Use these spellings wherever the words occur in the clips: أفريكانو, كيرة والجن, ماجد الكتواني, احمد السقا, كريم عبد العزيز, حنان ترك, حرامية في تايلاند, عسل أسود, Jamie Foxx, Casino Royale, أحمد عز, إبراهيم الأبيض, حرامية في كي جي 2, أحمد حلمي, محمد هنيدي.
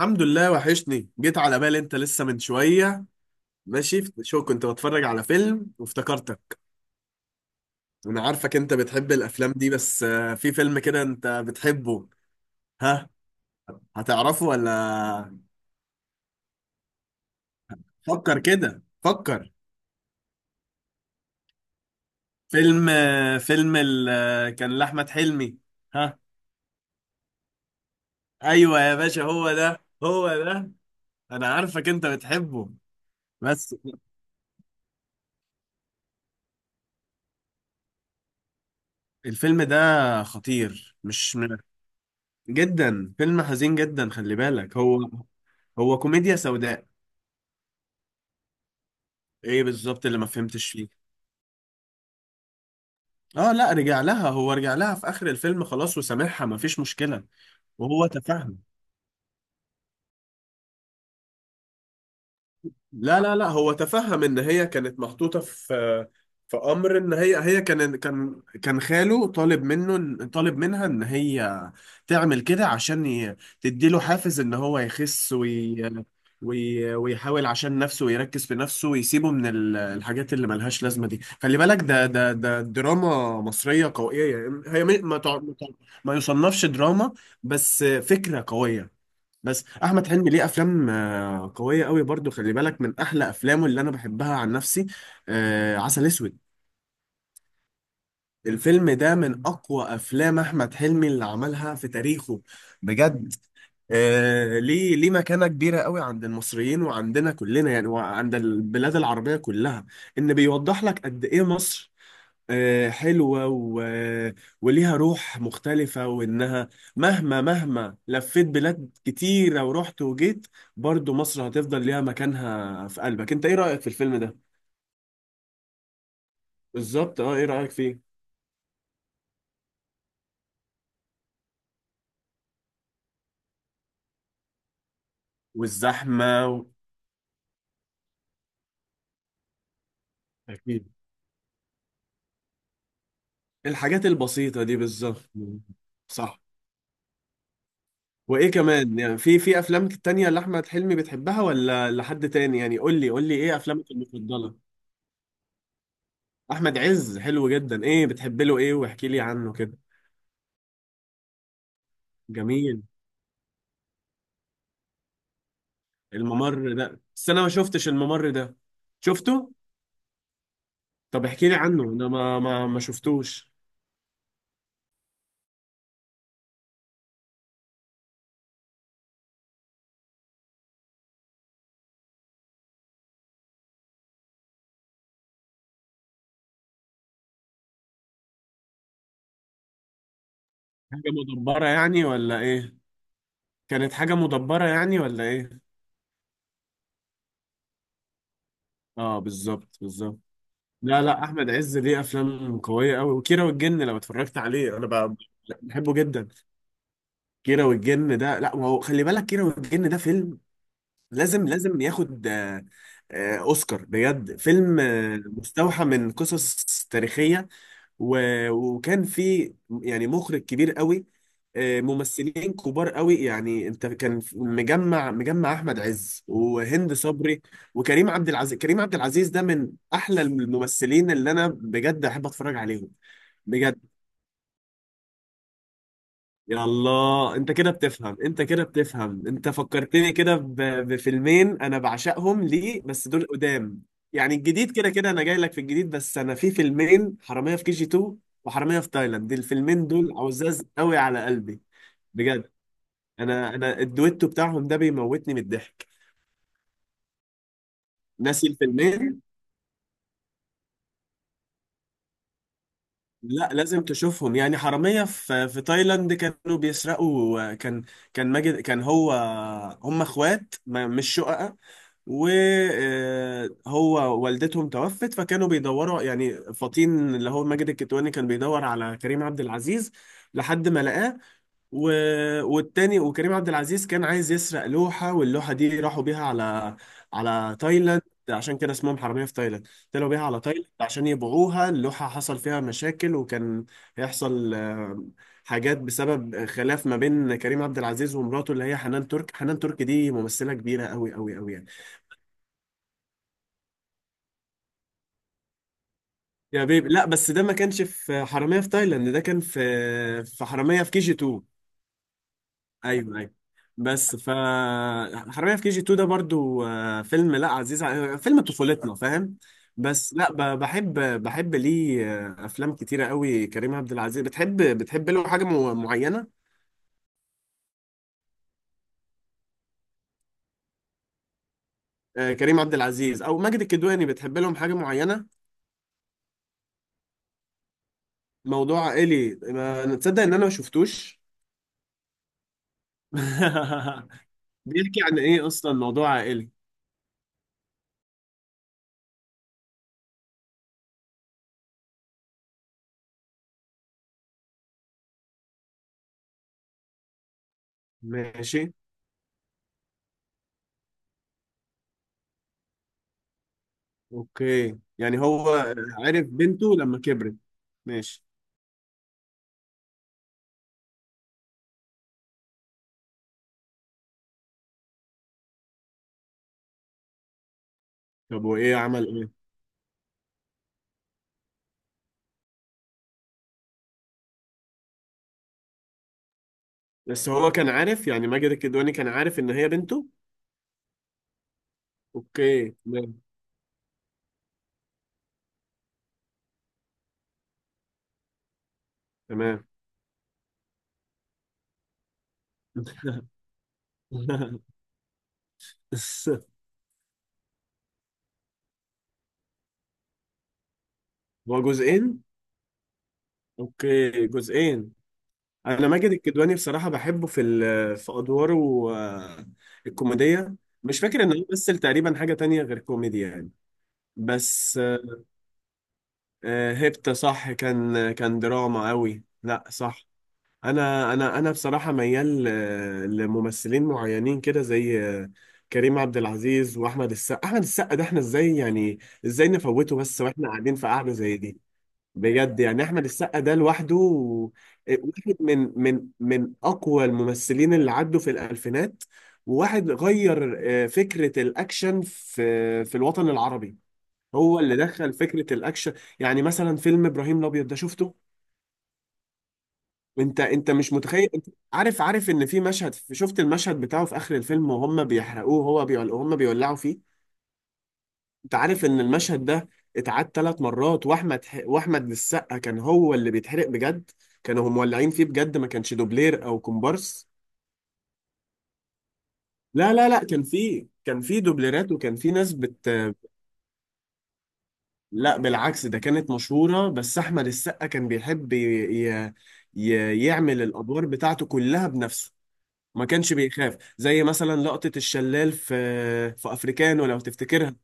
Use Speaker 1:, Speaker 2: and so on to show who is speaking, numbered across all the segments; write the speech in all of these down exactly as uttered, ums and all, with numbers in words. Speaker 1: الحمد لله، وحشني. جيت على بالي انت لسه من شوية. ماشي، شو كنت بتفرج على فيلم وافتكرتك. انا عارفك انت بتحب الافلام دي، بس آه، في فيلم كده انت بتحبه. ها، هتعرفه ولا؟ فكر كده، فكر. فيلم آه، فيلم ال... آه، كان لأحمد حلمي. ها؟ ايوه يا باشا، هو ده هو ده. انا عارفك انت بتحبه، بس الفيلم ده خطير، مش م- جدا. فيلم حزين جدا، خلي بالك. هو هو كوميديا سوداء. ايه بالظبط اللي ما فهمتش فيه؟ اه لا، رجع لها، هو رجع لها في اخر الفيلم، خلاص وسامحها، ما فيش مشكلة. وهو تفهم. لا لا لا، هو تفهم ان هي كانت محطوطه في، في امر، ان هي هي كان كان كان خاله طالب منه، طالب منها ان هي تعمل كده عشان ي- تديله حافز ان هو يخس وي وي ويحاول عشان نفسه، ويركز في نفسه، ويسيبه من ال- الحاجات اللي ملهاش لازمه دي. خلي بالك، ده ده ده دراما مصريه قويه، يعني هي ما ما تع- ما تع- ما يصنفش دراما، بس فكره قويه. بس احمد حلمي ليه افلام آه، قويه قوي برضو. خلي بالك، من احلى افلامه اللي انا بحبها عن نفسي آه، عسل اسود. الفيلم ده من اقوى افلام احمد حلمي اللي عملها في تاريخه، بجد. آه، ليه ليه مكانة كبيرة قوي عند المصريين، وعندنا كلنا يعني، وعند البلاد العربية كلها. إن بيوضح لك قد إيه مصر آه، حلوة و... وليها روح مختلفة، وإنها مهما مهما لفيت بلاد كتيرة ورحت وجيت، برضو مصر هتفضل ليها مكانها في قلبك. أنت إيه رأيك في الفيلم ده؟ بالظبط. أه، إيه رأيك فيه؟ والزحمة و... أكيد. الحاجات البسيطة دي بالظبط. صح. وإيه كمان يعني؟ في في أفلام تانية لأحمد حلمي بتحبها ولا لحد تاني يعني؟ قول لي قول لي، إيه أفلامك المفضلة؟ أحمد عز حلو جدا. إيه بتحب له؟ إيه، واحكي لي عنه كده. جميل. الممر ده، بس انا ما شفتش الممر ده. شفته؟ طب احكي لي عنه، انا ما ما ما شفتوش. حاجه مدبره يعني ولا ايه؟ كانت حاجه مدبره يعني ولا ايه؟ اه، بالظبط بالظبط. لا لا، احمد عز ليه افلام قويه قوي، وكيرة والجن لو اتفرجت عليه انا ب- بحبه جدا. كيرة والجن ده، لا، ما هو خلي بالك، كيرة والجن ده فيلم لازم لازم ياخد آه، آه، اوسكار، بجد. فيلم آه، مستوحى من قصص تاريخيه و... وكان في يعني مخرج كبير قوي، آه، ممثلين كبار قوي. يعني انت، كان مجمع مجمع احمد عز وهند صبري وكريم عبد العزيز. كريم عبد العزيز ده من احلى الممثلين اللي انا بجد احب اتفرج عليهم، بجد. يلا، انت كده بتفهم، انت كده بتفهم، انت فكرتني كده ب- بفيلمين انا بعشقهم ليه، بس دول قدام. يعني الجديد كده كده انا جاي لك في الجديد، بس انا في فيلمين: حرامية في كي جي تو وحرامية في تايلاند. الفيلمين دول عزاز قوي على قلبي، بجد. انا انا الدويتو بتاعهم ده بيموتني من الضحك. ناسي الفيلمين؟ لا، لازم تشوفهم. يعني حرامية في في تايلاند كانوا بيسرقوا. كان كان ماجد، كان هو، هم اخوات ما- مش شقق. وهو والدتهم توفت، فكانوا بيدوروا، يعني فطين اللي هو ماجد الكتواني كان بيدور على كريم عبد العزيز لحد ما لقاه و... والتاني، وكريم عبد العزيز كان عايز يسرق لوحة، واللوحة دي راحوا بيها على على تايلاند. عشان كده اسمهم حرامية في تايلاند، طلعوا بيها على تايلاند عشان يبيعوها. اللوحة حصل فيها مشاكل، وكان هيحصل آه، حاجات بسبب خلاف ما بين كريم عبد العزيز ومراته اللي هي حنان ترك. حنان ترك دي ممثلة كبيرة قوي قوي قوي يعني. يا بيبي، لا، بس ده ما كانش في حرامية في تايلاند، ده كان في في حرامية في كي جي تو. ايوه ايوه، بس ف حرامية في كي جي تو ده برضو آه، فيلم، لا، عزيز، ع- فيلم طفولتنا، فاهم. بس لا ب- بحب بحب ليه آه، افلام كتيرة قوي. كريم عبد العزيز بتحب بتحب له حاجة مو- معينة؟ آه، كريم عبد العزيز او ماجد الكدواني، بتحب لهم حاجة معينة؟ موضوع عائلي، ما تصدق ان انا ما شفتوش. بيحكي عن ايه اصلا موضوع عائلي؟ ماشي. اوكي، يعني هو عرف بنته لما كبرت. ماشي. طب وايه، عمل ايه؟ بس هو كان عارف، يعني ماجد الكدواني كان عارف ان هي بنته؟ اوكي. تمام تمام. هو جزئين. اوكي، جزئين. انا ماجد الكدواني بصراحة بحبه في ال- في ادواره آه، الكوميدية. مش فاكر ان هو مثل تقريبا حاجة تانية غير كوميدي يعني. بس آه، هيبتا، صح، كان كان دراما قوي، لا صح. انا انا انا بصراحه ميال آه، لممثلين معينين كده، زي آه، كريم عبد العزيز واحمد السقا. احمد السقا ده احنا ازاي يعني، ازاي نفوته بس واحنا قاعدين في قعده زي دي؟ بجد يعني، احمد السقا ده لوحده آه، واحد من من من اقوى الممثلين اللي عدوا في الالفينات، وواحد غير آه، فكره الاكشن في في الوطن العربي. هو اللي دخل فكره الاكشن. يعني مثلا فيلم ابراهيم الابيض ده شفته؟ انت انت مش متخيل، انت عارف عارف ان في مشهد، شفت المشهد بتاعه في اخر الفيلم وهم بيحرقوه، هو بيول... وهم بيولعوا فيه. انت عارف ان المشهد ده اتعاد ثلاث مرات، واحمد ح... واحمد السقا كان هو اللي بيتحرق بجد. كانوا هم مولعين فيه بجد، ما كانش دوبلير او كومبارس. لا لا لا، كان في كان في دوبليرات، وكان في ناس بت لا بالعكس، ده كانت مشهورة. بس احمد السقا كان بيحب ي... ي... ي... يعمل الادوار بتاعته كلها بنفسه. ما كانش بيخاف، زي مثلا لقطة الشلال في في افريكانو، لو تفتكرها.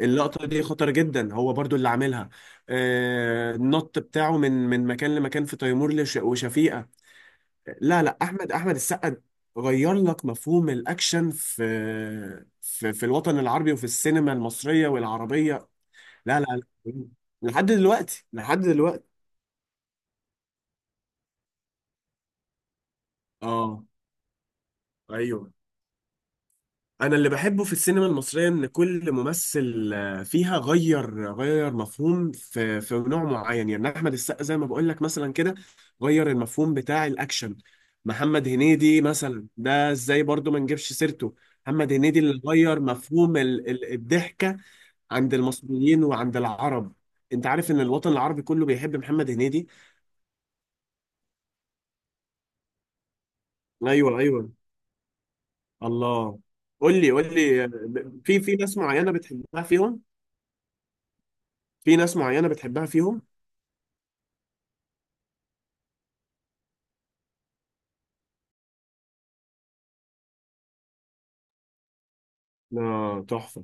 Speaker 1: اللقطة دي خطر جدا، هو برضو اللي عاملها. آه، النط بتاعه من من مكان لمكان، في تيمور لش- وشفيقة. لا لا، احمد احمد السقا غير لك مفهوم الاكشن في في في الوطن العربي، وفي السينما المصرية والعربية. لا لا لا. لحد دلوقتي لحد دلوقتي. اه، ايوه. انا اللي بحبه في السينما المصريه ان كل ممثل آه، فيها غير غير مفهوم في في نوع معين. يعني احمد السقا زي ما بقول لك مثلا كده، غير المفهوم بتاع الاكشن. محمد هنيدي مثلا، ده ازاي برضو ما نجيبش سيرته؟ محمد هنيدي اللي غير مفهوم ال- ال- الضحكه عند المصريين وعند العرب. انت عارف ان الوطن العربي كله بيحب محمد هنيدي؟ ايوه ايوه. الله. قول لي قول لي، آه، في في ناس معينه بتحبها فيهم؟ في ناس معينه بتحبها فيهم. لا، تحفة.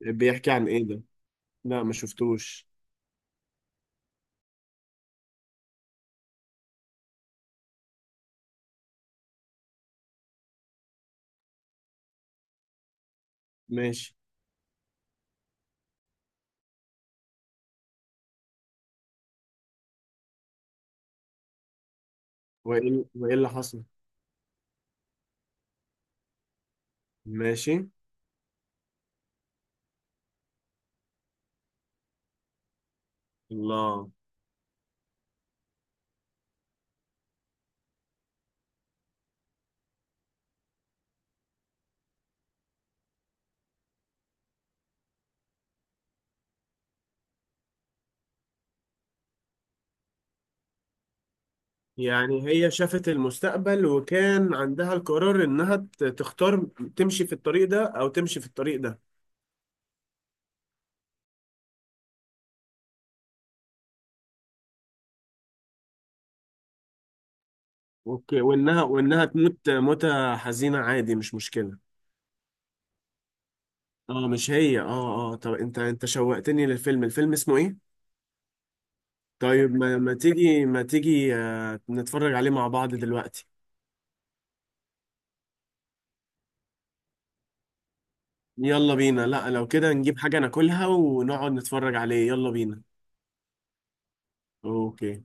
Speaker 1: بيحكي عن ايه ده؟ لا، ما شفتوش. ماشي. وايه وايه اللي حصل؟ ماشي. الله. يعني هي شافت المستقبل، وكان عندها القرار انها ت- تختار تمشي في الطريق ده او تمشي في الطريق ده. اوكي، وانها وانها تموت موتة حزينة، عادي مش مشكلة. اه، مش هي، اه اه. طب انت انت شوقتني للفيلم، الفيلم اسمه ايه؟ طيب، ما, ما تيجي ما تيجي آه، نتفرج عليه مع بعض دلوقتي؟ يلا بينا. لا، لو كده نجيب حاجة ناكلها ونقعد نتفرج عليه، يلا بينا. اوكي.